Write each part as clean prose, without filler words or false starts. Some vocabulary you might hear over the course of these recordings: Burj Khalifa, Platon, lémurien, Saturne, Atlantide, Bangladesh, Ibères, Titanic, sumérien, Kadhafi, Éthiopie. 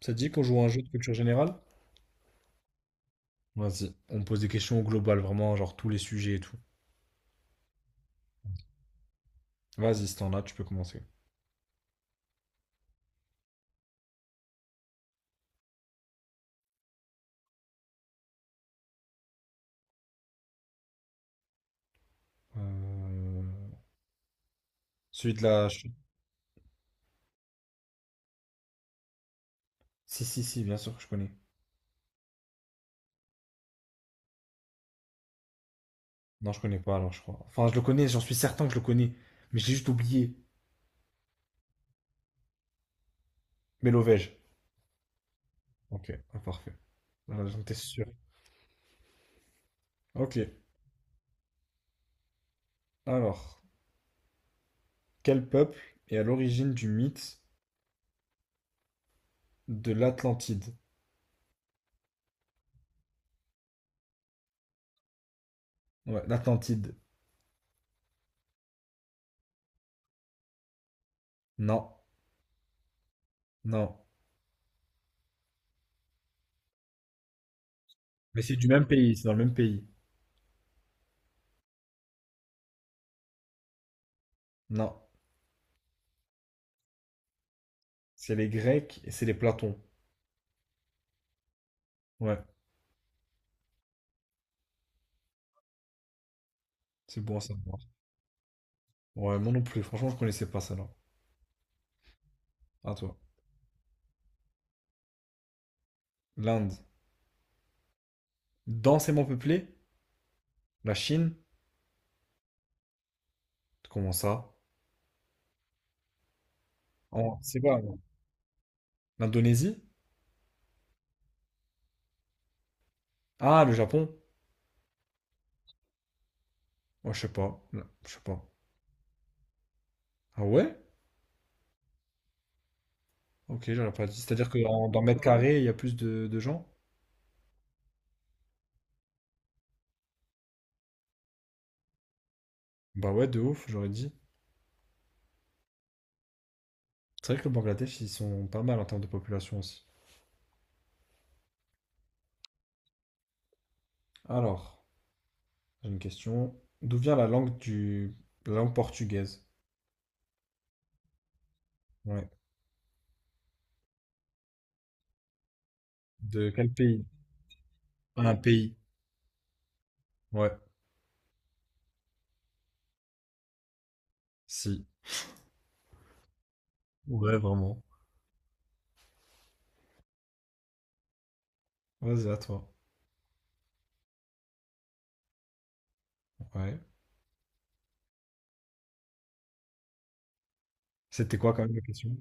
Ça te dit qu'on joue à un jeu de culture générale? Vas-y, on pose des questions globales, vraiment, genre tous les sujets et tout. Vas-y, si t'en as, tu peux commencer. Euh, Celui de la... Si, si, si, bien sûr que je connais. Non, je connais pas, alors, je crois. Enfin, je le connais, j'en suis certain que je le connais. Mais j'ai juste oublié. Mélovège. Ok, ah, parfait. Ah, j'en étais sûr. Ok, alors. Quel peuple est à l'origine du mythe de l'Atlantide? Ouais, l'Atlantide. Non, non. Mais c'est du même pays, c'est dans le même pays. Non. C'est les Grecs et c'est les Platons. Ouais, c'est bon à savoir. Ouais, moi non plus. Franchement, je connaissais pas ça là. À toi. L'Inde. Densément peuplée. La Chine. Comment ça? Oh, c'est pas moi. L'Indonésie? Ah, le Japon. Ouais, je sais pas. Là, je sais pas. Ah ouais? Ok, j'aurais pas dit. C'est-à-dire que dans mètre carré, il y a plus de gens? Bah ouais, de ouf, j'aurais dit. C'est vrai que le Bangladesh, ils sont pas mal en termes de population aussi. Alors, j'ai une question. D'où vient la langue portugaise? Ouais. De quel pays? Un pays. Ouais. Si. Ouais, vraiment. Vas-y, à toi. Ouais. C'était quoi quand même la question?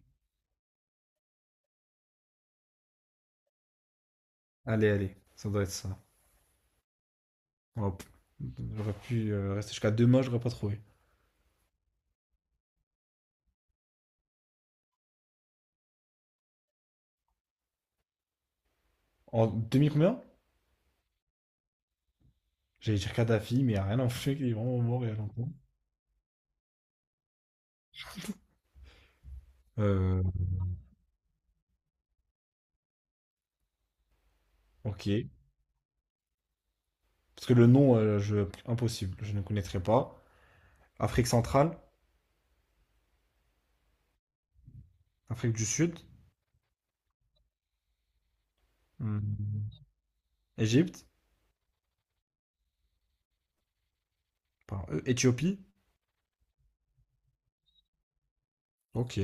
Allez, allez, ça doit être ça. Hop. J'aurais pu rester jusqu'à demain, j'aurais pas trouvé. En demi combien? J'allais dire Kadhafi, mais il n'y a rien en fait qui est vraiment mort il y a longtemps. Euh, ok. Parce que le nom, impossible, je ne connaîtrais pas. Afrique centrale, Afrique du Sud, Hmm. Égypte, pardon, Éthiopie. Ok,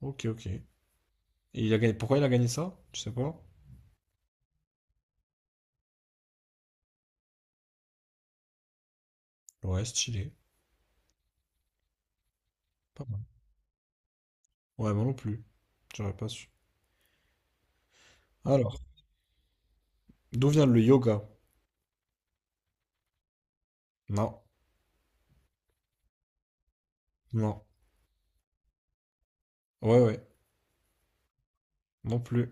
ok, ok. Et il a gagné... Pourquoi il a gagné ça? Je sais pas. Ouais, stylé. Pas mal. Ouais, moi non plus. J'aurais pas su. Alors. D'où vient le yoga? Non, non. Ouais, ouais. Non plus.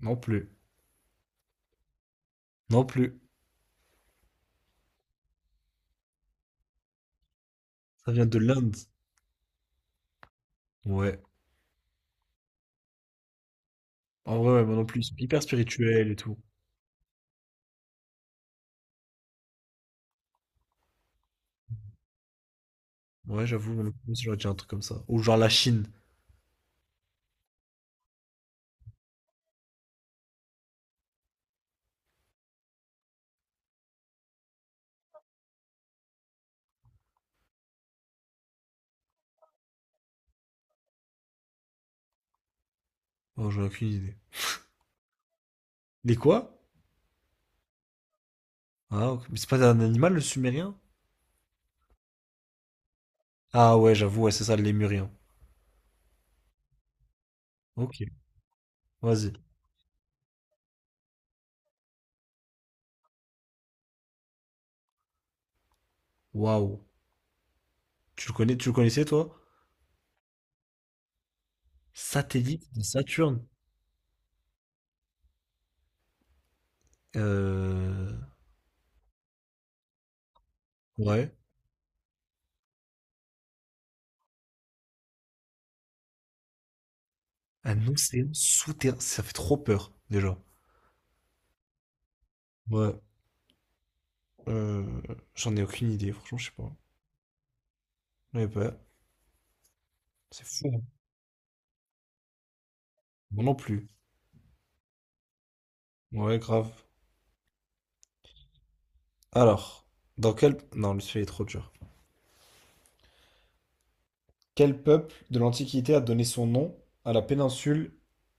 Non plus. Non plus. Ça vient de l'Inde. Ouais. En vrai, ouais, moi non plus. Ils sont hyper spirituel et tout. Ouais, j'avoue, moi non plus, j'aurais dit un truc comme ça. Ou genre la Chine. Oh, j'aurais aucune idée. Les quoi? Ah, ok. Mais c'est pas un animal, le sumérien? Ah ouais, j'avoue, ouais, c'est ça, le lémurien. Ok, vas-y. Waouh. Tu le connais, tu le connaissais, toi? Satellite de Saturne. Euh... Ouais. Un océan souterrain. Ça fait trop peur, déjà. Ouais. Euh, j'en ai aucune idée, franchement, je sais pas. Ouais, bah, c'est fou, hein. Moi non plus. Ouais, grave. Alors, Non, lui, celui est trop dur. Quel peuple de l'Antiquité a donné son nom à la péninsule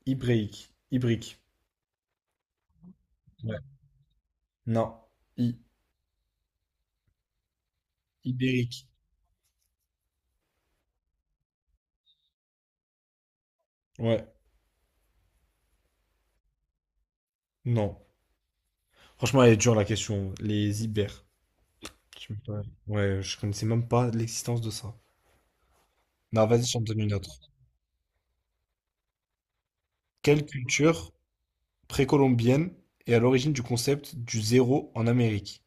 ibérique? Ibrique. Ouais. Non. I- Ibérique. Ouais. Non. Franchement, elle est dure, la question. Les Ibères. Je sais pas. Ouais, je connaissais même pas l'existence de ça. Non, vas-y, j'en donne une autre. Quelle culture précolombienne est à l'origine du concept du zéro en Amérique?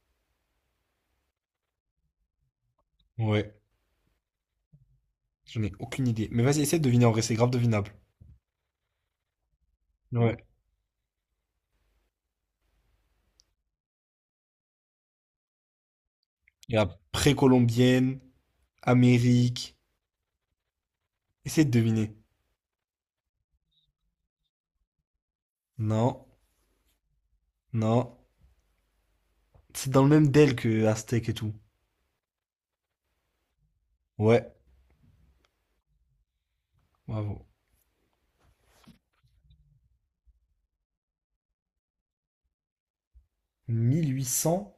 Ouais, j'en ai aucune idée. Mais vas-y, essaie de deviner en vrai, c'est grave devinable. Ouais. Il y a précolombienne, Amérique. Essaie de deviner. Non, non. C'est dans le même DEL que Aztèque et tout. Ouais, bravo. 1 800?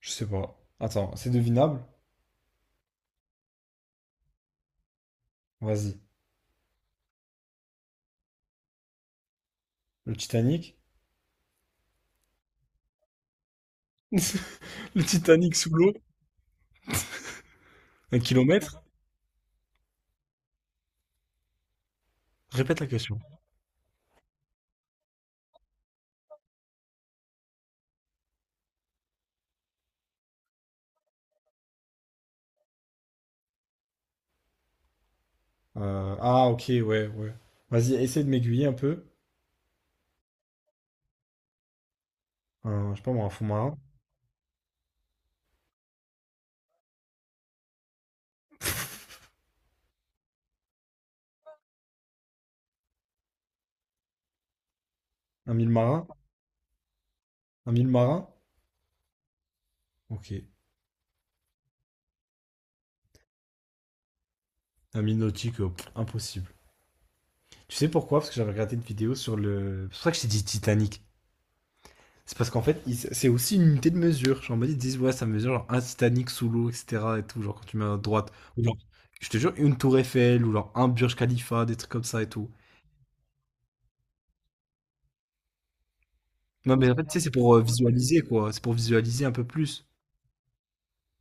Je sais pas. Attends, c'est devinable? Vas-y. Le Titanic? Le Titanic sous l'eau? Un kilomètre? Répète la question. Ah, ok, ouais, ouais. Vas-y, essaie de m'aiguiller un peu. Je sais pas moi, un fond marin? Un mille marin? Un mille marin? Ok. Un Minotique, pff, impossible. Tu sais pourquoi? Parce que j'avais regardé une vidéo sur le. C'est pour ça que j'ai dit Titanic. C'est parce qu'en fait, c'est aussi une unité de mesure. Genre, en mode, ils disent, ouais, ça mesure genre un Titanic sous l'eau, etc. Et tout, genre quand tu mets à droite. Ou genre, je te jure, une tour Eiffel, ou genre un Burj Khalifa, des trucs comme ça et tout. Non, mais en fait, tu sais, c'est pour visualiser, quoi. C'est pour visualiser un peu plus.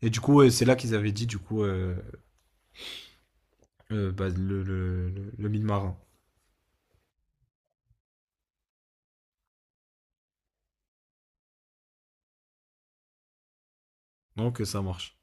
Et du coup, ouais, c'est là qu'ils avaient dit, du coup, bah, le mille marin. Donc, ça marche.